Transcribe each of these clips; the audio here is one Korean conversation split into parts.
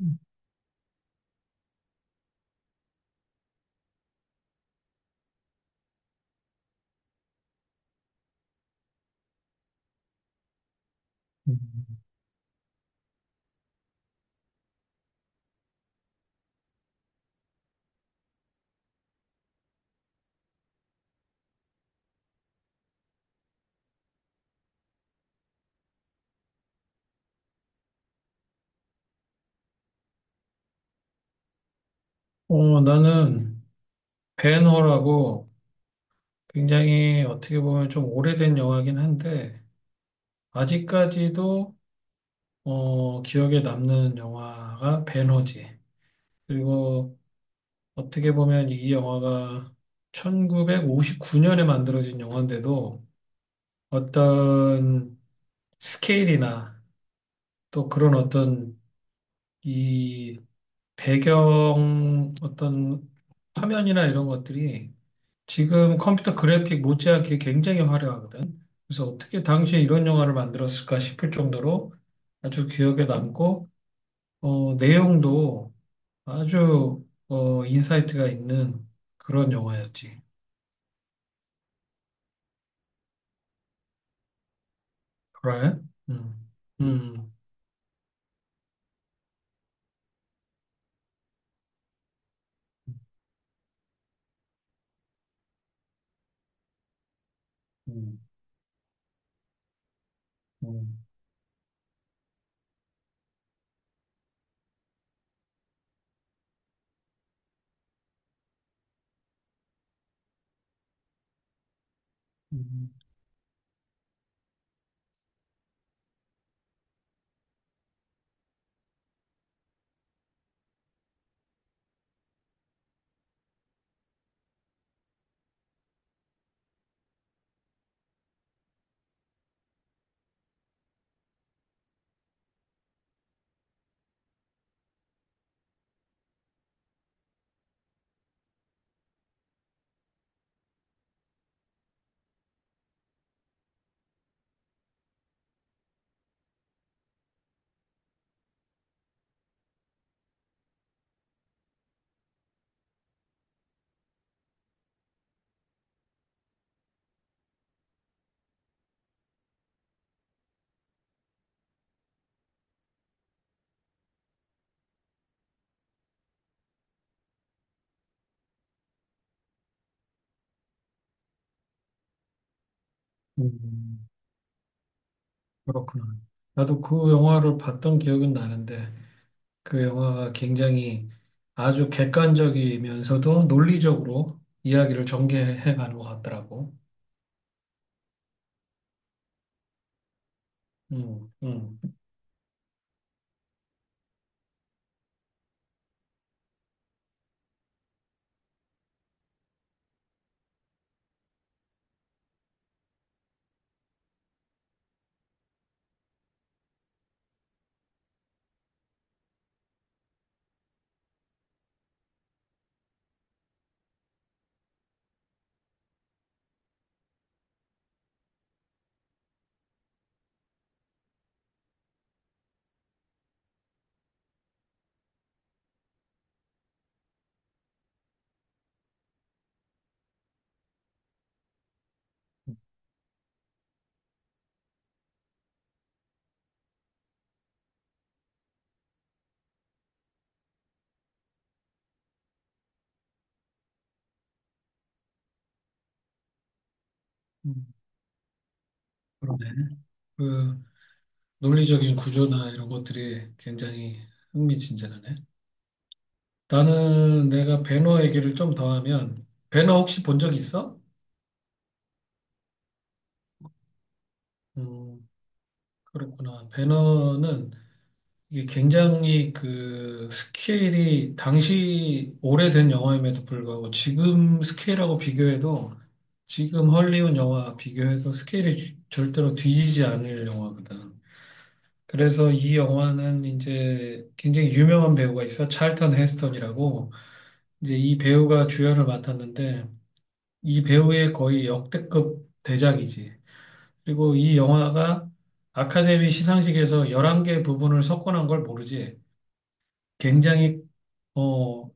음. 나는 벤허라고 굉장히 어떻게 보면 좀 오래된 영화긴 한데, 아직까지도 기억에 남는 영화가 벤허지. 그리고 어떻게 보면 이 영화가 1959년에 만들어진 영화인데도 어떤 스케일이나 또 그런 어떤 이 배경 어떤 화면이나 이런 것들이 지금 컴퓨터 그래픽 못지않게 굉장히 화려하거든. 그래서 어떻게 당시에 이런 영화를 만들었을까 싶을 정도로 아주 기억에 남고, 내용도 인사이트가 있는 그런 영화였지. 그래? 음, 음, 음, 음, 음, 음. 그렇구나. 나도 그 영화를 봤던 기억은 나는데, 그 영화가 굉장히 아주 객관적이면서도 논리적으로 이야기를 전개해 가는 것 같더라고. 음, 음, 음, 그러네. 그 논리적인 구조나 이런 것들이 굉장히 흥미진진하네. 나는 내가 배너 얘기를 좀 더 하면 배너 혹시 본 적 있어? 음, 그렇구나. 배너는 이게 굉장히 그 스케일이 당시 오래된 영화임에도 불구하고 지금 스케일하고 비교해도 지금 헐리우드 영화 비교해도 스케일이 절대로 뒤지지 않을 영화거든. 그래서 이 영화는 이제 굉장히 유명한 배우가 있어. 찰턴 헤스턴이라고. 이제 이 배우가 주연을 맡았는데 이 배우의 거의 역대급 대작이지. 그리고 이 영화가 아카데미 시상식에서 11개 부분을 석권한 걸 모르지. 굉장히 어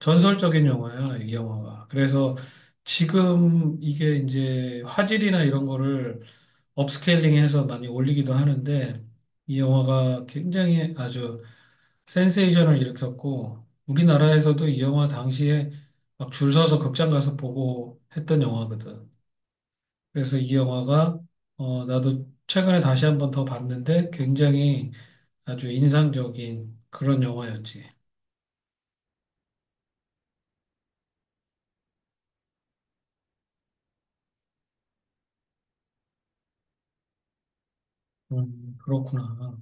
전설적인 영화야, 이 영화가. 그래서 지금 이게 이제 화질이나 이런 거를 업스케일링해서 많이 올리기도 하는데 이 영화가 굉장히 아주 센세이션을 일으켰고 우리나라에서도 이 영화 당시에 막 줄 서서 극장 가서 보고 했던 영화거든. 그래서 이 영화가 나도 최근에 다시 한번 더 봤는데 굉장히 아주 인상적인 그런 영화였지. 그렇구나.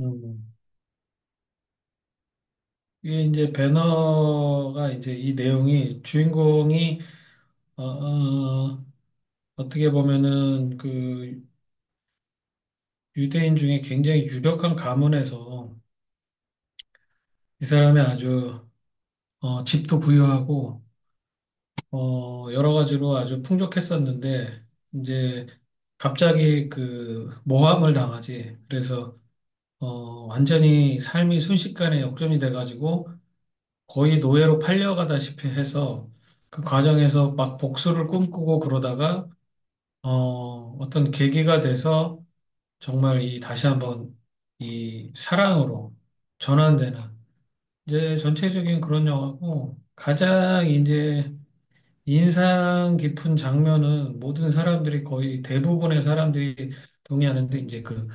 음. 이게 이제 배너가 이제 이 내용이 주인공이 어, 어, 어떻게 보면은 그 유대인 중에 굉장히 유력한 가문에서 이 사람이 아주 집도 부유하고, 여러 가지로 아주 풍족했었는데, 이제 갑자기 그 모함을 당하지. 그래서, 완전히 삶이 순식간에 역전이 돼가지고 거의 노예로 팔려가다시피 해서 그 과정에서 막 복수를 꿈꾸고 그러다가, 어떤 계기가 돼서 정말 이 다시 한번 이 사랑으로 전환되는 이제 전체적인 그런 영화고 가장 이제 인상 깊은 장면은 모든 사람들이 거의 대부분의 사람들이 동의하는데 이제 그,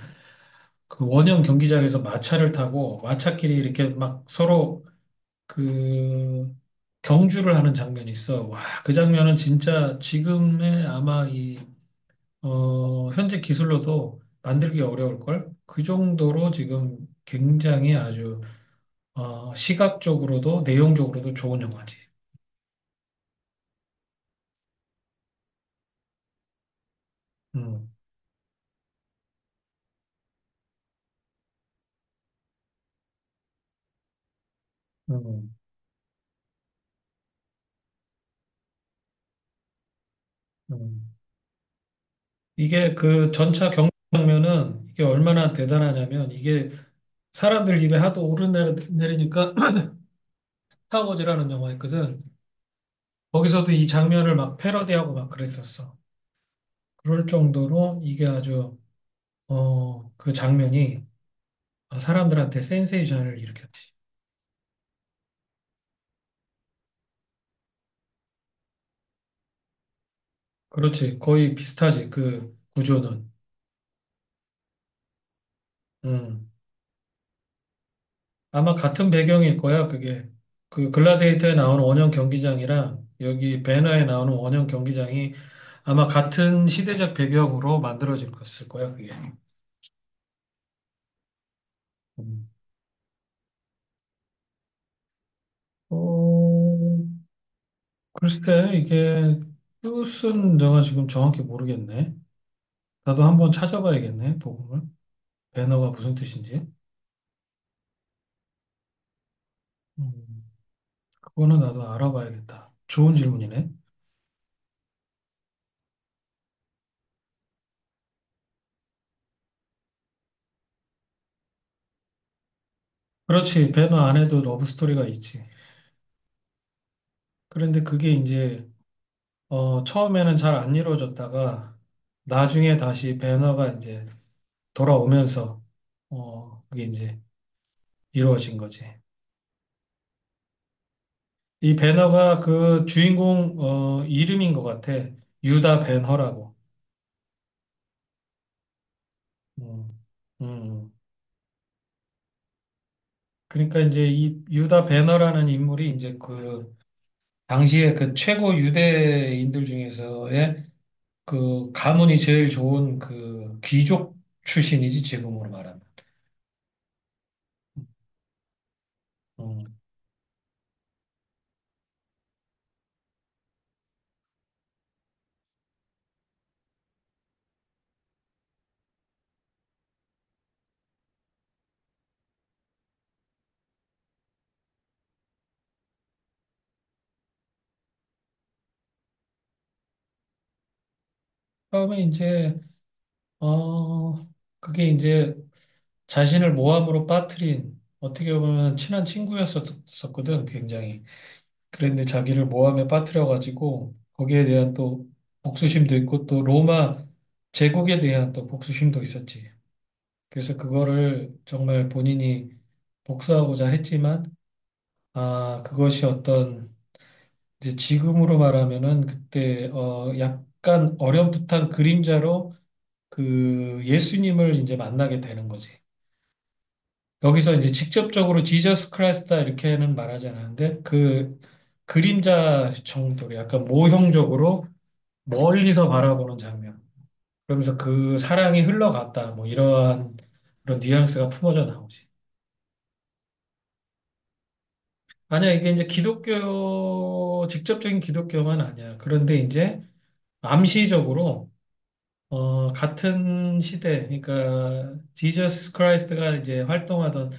그 원형 경기장에서 마차를 타고 마차끼리 이렇게 막 서로 그 경주를 하는 장면이 있어. 와, 그 장면은 진짜 지금의 아마 이, 현재 기술로도 만들기 어려울걸? 그 정도로 지금 굉장히 아주, 시각적으로도 내용적으로도 좋은 영화지. 음, 음, 음. 이게 그 전차 경장면은 이게 얼마나 대단하냐면 이게 사람들 입에 하도 오르내리니까 스타워즈라는 영화 있거든. 거기서도 이 장면을 막 패러디하고 막 그랬었어. 그럴 정도로 이게 아주 그 장면이 사람들한테 센세이션을 일으켰지. 그렇지. 거의 비슷하지. 그 구조는. 음. 아마 같은 배경일 거야. 그게 그 글라데이터에 나오는 원형 경기장이랑 여기 배너에 나오는 원형 경기장이 아마 같은 시대적 배경으로 만들어질 것일 거야, 그게. 음. 어, 글쎄, 이게 뜻은 내가 지금 정확히 모르겠네. 나도 한번 찾아봐야겠네, 복음을. 배너가 무슨 뜻인지. 음, 그거는 나도 알아봐야겠다. 좋은 질문이네. 그렇지, 배너 안에도 러브 스토리가 있지. 그런데 그게 이제, 처음에는 잘 안 이루어졌다가, 나중에 다시 배너가 이제 돌아오면서, 그게 이제 이루어진 거지. 이 배너가 그 주인공 이름인 것 같아. 유다 배너라고. 음, 음. 그러니까 이제 이 유다 배너라는 인물이 이제 그 당시에 그 최고 유대인들 중에서의 그 가문이 제일 좋은 그 귀족 출신이지 지금으로 말하면. 음. 그에 이제 어 그게 이제 자신을 모함으로 빠뜨린 어떻게 보면 친한 친구였었거든 굉장히. 그랬는데 자기를 모함에 빠뜨려가지고 거기에 대한 또 복수심도 있고 또 로마 제국에 대한 또 복수심도 있었지. 그래서 그거를 정말 본인이 복수하고자 했지만 아 그것이 어떤 이제 지금으로 말하면은 그때 약간 어렴풋한 그림자로 그 예수님을 이제 만나게 되는 거지. 여기서 이제 직접적으로 지저스 크라이스다 이렇게는 말하지 않았는데 그 그림자 정도로 약간 모형적으로 멀리서 바라보는 장면. 그러면서 그 사랑이 흘러갔다. 뭐 이러한 그런 뉘앙스가 품어져 나오지. 아니야, 이게 이제 기독교, 직접적인 기독교만 아니야. 그런데 이제 암시적으로 같은 시대, 그러니까 지저스 크라이스트가 이제 활동하던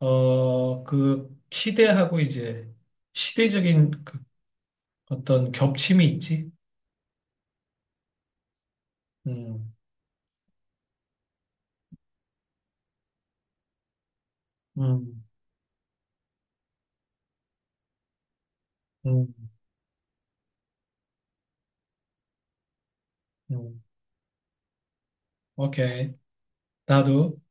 그 시대하고 이제 시대적인 그 어떤 겹침이 있지. 음, 음, 음, 음. 오케이. 나도.